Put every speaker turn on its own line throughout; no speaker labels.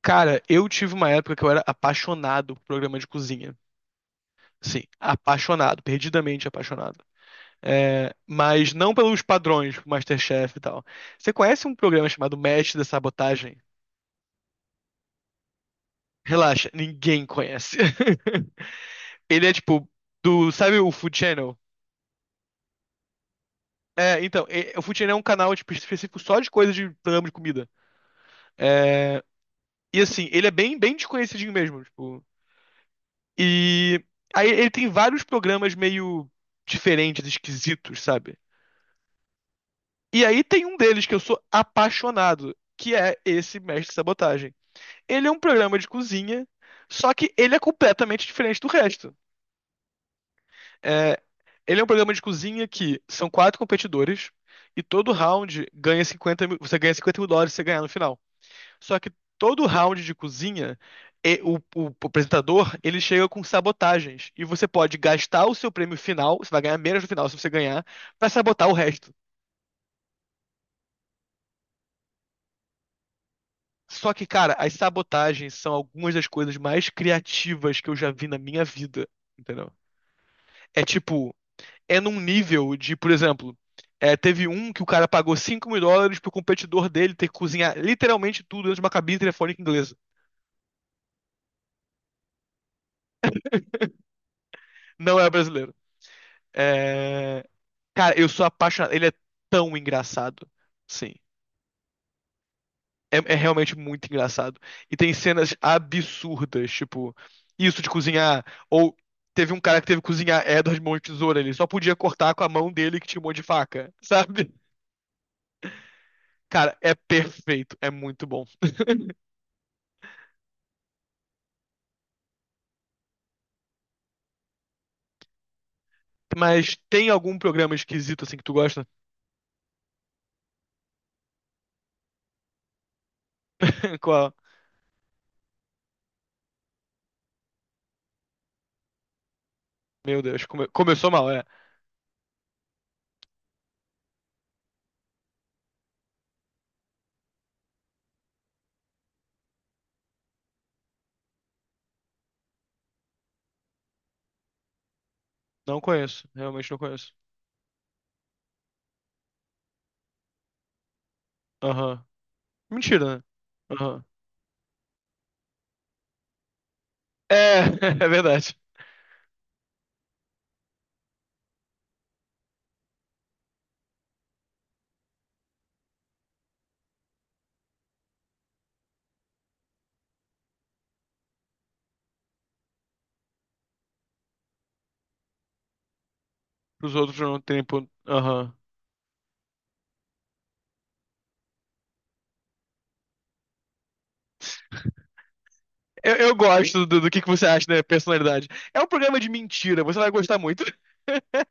Cara, eu tive uma época que eu era apaixonado por programa de cozinha. Sim, apaixonado, perdidamente apaixonado. É, mas não pelos padrões, tipo MasterChef e tal. Você conhece um programa chamado Mestre da Sabotagem? Relaxa, ninguém conhece. Ele é tipo do, sabe o Food Channel? É, então, o Food Channel é um canal tipo, específico só de coisa de programa de comida. É, e assim, ele é bem, bem desconhecidinho mesmo, tipo, e aí ele tem vários programas meio diferentes, esquisitos, sabe? E aí tem um deles que eu sou apaixonado, que é esse Mestre Sabotagem. Ele é um programa de cozinha, só que ele é completamente diferente do resto. É, ele é um programa de cozinha que são quatro competidores e todo round ganha 50 mil, você ganha 50 mil dólares se você ganhar no final. Só que todo round de cozinha, o apresentador, ele chega com sabotagens. E você pode gastar o seu prêmio final, você vai ganhar menos no final se você ganhar, pra sabotar o resto. Só que, cara, as sabotagens são algumas das coisas mais criativas que eu já vi na minha vida, entendeu? É tipo, é num nível de, por exemplo, é, teve um que o cara pagou 5 mil dólares pro competidor dele ter que cozinhar literalmente tudo dentro de uma cabine telefônica inglesa. Não é brasileiro. É, cara, eu sou apaixonado. Ele é tão engraçado. Sim. É realmente muito engraçado. E tem cenas absurdas, tipo, isso de cozinhar. Ou teve um cara que teve que cozinhar Edward mão de tesoura. Ele só podia cortar com a mão dele que tinha um monte de faca, sabe? Cara, é perfeito. É muito bom. Mas tem algum programa esquisito, assim, que tu gosta? Qual? Meu Deus, começou mal, é. Não conheço. Realmente não conheço. Aham. Mentira, né? Aham. É, é verdade. Os outros não têm ponto. Aham. Eu gosto do que você acha da personalidade. É um programa de mentira, você vai gostar muito.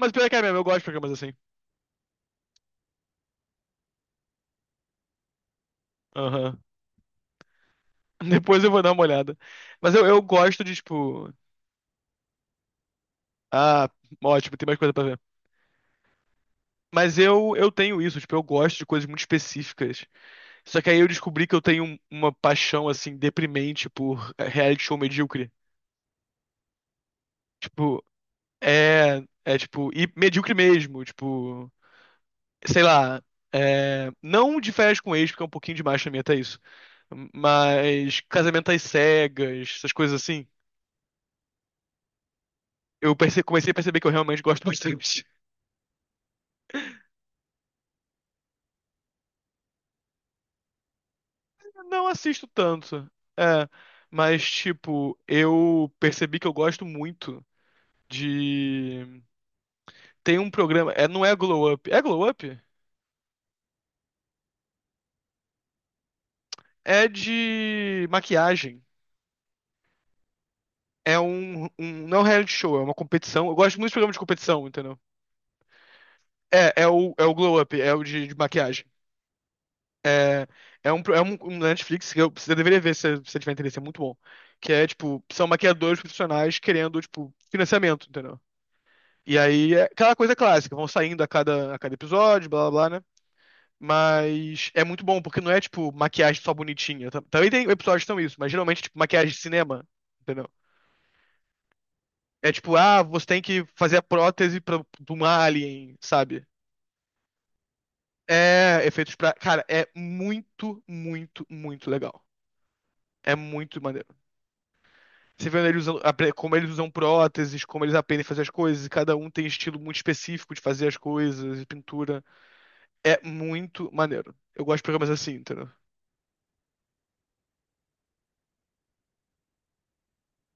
Mas pior que é mesmo, eu gosto de programas assim. Aham. Depois eu vou dar uma olhada. Mas eu gosto de, tipo. Ah, ótimo, tem mais coisa pra ver. Mas eu tenho isso, tipo, eu gosto de coisas muito específicas. Só que aí eu descobri que eu tenho uma paixão, assim, deprimente por reality show medíocre. Tipo, é. É, tipo, e medíocre mesmo, tipo. Sei lá. É, não de férias com ex, porque é um pouquinho demais pra mim até isso. Mas Casamento às Cegas, essas coisas assim, eu comecei a perceber que eu realmente gosto bastante. Eu não assisto tanto, é, mas tipo, eu percebi que eu gosto muito de. Tem um programa, é, não é Glow Up, é Glow Up? É de maquiagem. Não é um reality show, é uma competição. Eu gosto muito de programa de competição, entendeu? É o Glow Up, é o de maquiagem. É, é um Netflix que você deveria ver se você tiver interesse, é muito bom. Que é, tipo, são maquiadores profissionais querendo, tipo, financiamento, entendeu? E aí é aquela coisa clássica, vão saindo a cada episódio, blá blá blá, né? Mas é muito bom, porque não é, tipo, maquiagem só bonitinha. Também tem episódios que são isso, mas geralmente, tipo, maquiagem de cinema, entendeu? É tipo, ah, você tem que fazer a prótese pra, de um alien, sabe? É, efeitos pra. Cara, é muito, muito, muito legal. É muito maneiro. Você vê ele como eles usam próteses, como eles aprendem a fazer as coisas, e cada um tem estilo muito específico de fazer as coisas e pintura. É muito maneiro. Eu gosto de programas assim, entendeu?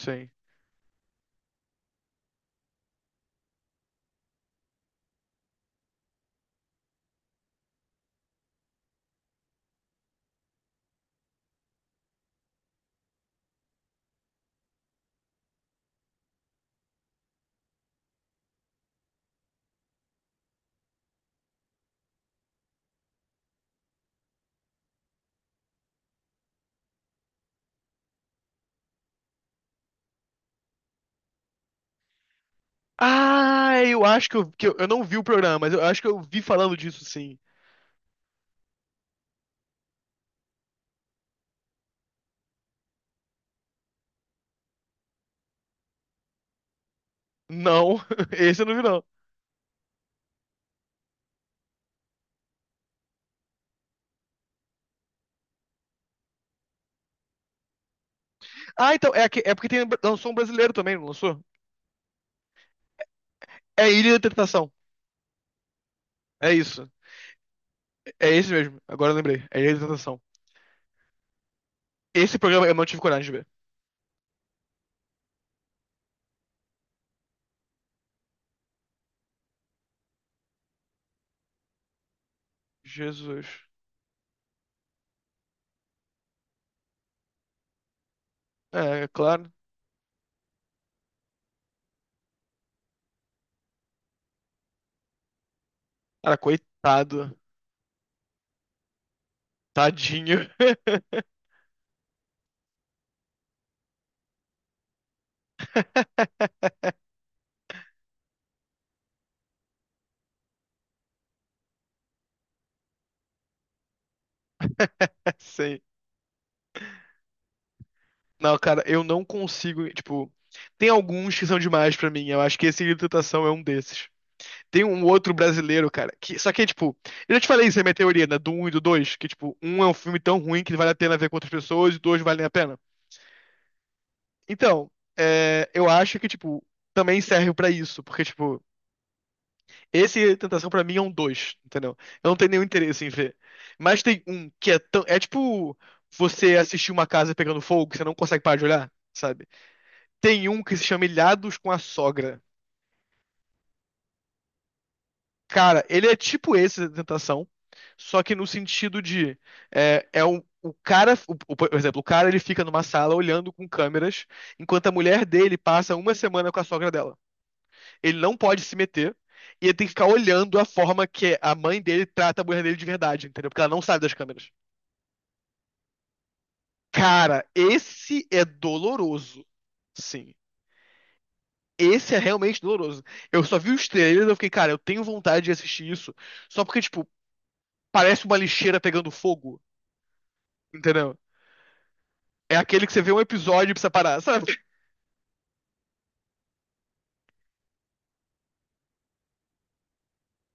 Sim. Ah, eu acho que eu não vi o programa, mas eu acho que eu vi falando disso, sim. Não, esse eu não vi, não. Ah, então, é, é porque tem, lançou um brasileiro também, não lançou? É Ilha da Tentação. É isso. É esse mesmo. Agora eu lembrei. É Ilha da Tentação. Esse programa eu não tive coragem de ver. Jesus. É claro. Cara, coitado. Tadinho. Sim. Não, cara, eu não consigo, tipo, tem alguns que são demais pra mim. Eu acho que esse Grito de Tentação é um desses. Tem um outro brasileiro, cara, que só que é tipo, eu já te falei isso é minha teoria, né, do um e do 2, que tipo, um é um filme tão ruim que vale a pena ver com outras pessoas e dois valem a pena. Então, é, eu acho que tipo, também serve pra isso, porque tipo, esse Tentação pra mim é um dois, entendeu? Eu não tenho nenhum interesse em ver. Mas tem um que é tão. É tipo você assistir uma casa pegando fogo que você não consegue parar de olhar, sabe? Tem um que se chama Ilhados com a Sogra. Cara, ele é tipo esse da Tentação, só que no sentido de. É um. O cara, por exemplo, o cara ele fica numa sala olhando com câmeras, enquanto a mulher dele passa uma semana com a sogra dela. Ele não pode se meter. E ele tem que ficar olhando a forma que a mãe dele trata a mulher dele de verdade, entendeu? Porque ela não sabe das câmeras. Cara, esse é doloroso. Sim. Esse é realmente doloroso. Eu só vi os trailers e eu fiquei, cara, eu tenho vontade de assistir isso. Só porque, tipo, parece uma lixeira pegando fogo, entendeu? É aquele que você vê um episódio e precisa parar, sabe?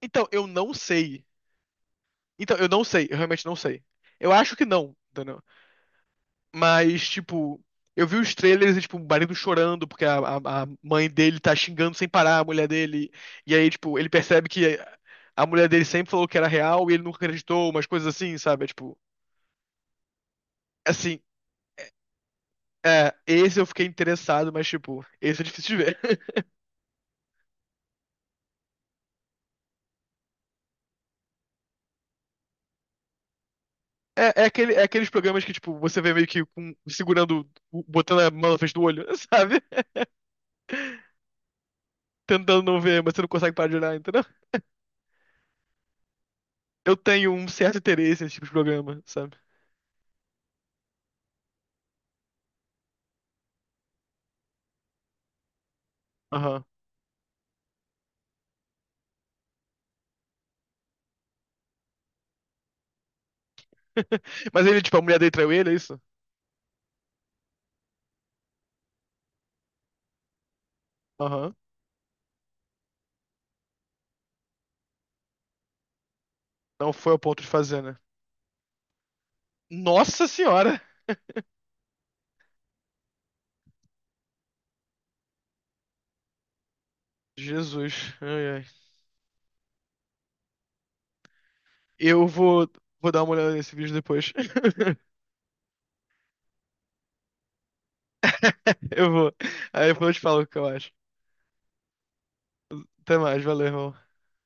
Então, eu não sei. Então, eu não sei. Eu realmente não sei. Eu acho que não, entendeu? Mas, tipo, eu vi os trailers e, tipo, o marido chorando porque a mãe dele tá xingando sem parar a mulher dele. E aí, tipo, ele percebe que a mulher dele sempre falou que era real e ele nunca acreditou, umas coisas assim, sabe? É, tipo, assim, é, esse eu fiquei interessado, mas, tipo, esse é difícil de ver. É aqueles programas que, tipo, você vê meio que segurando, botando a mão na frente do olho, sabe? Tentando não ver, mas você não consegue parar de olhar, entendeu? Eu tenho um certo interesse nesse tipo de programa, sabe? Aham. Mas ele, tipo, a mulher dele traiu ele, é isso? Aham. Não foi ao ponto de fazer, né? Nossa senhora! Jesus. Ai, ai. Eu vou dar uma olhada nesse vídeo depois. Eu vou. Aí depois eu te falo o que eu acho. Até mais, valeu, irmão.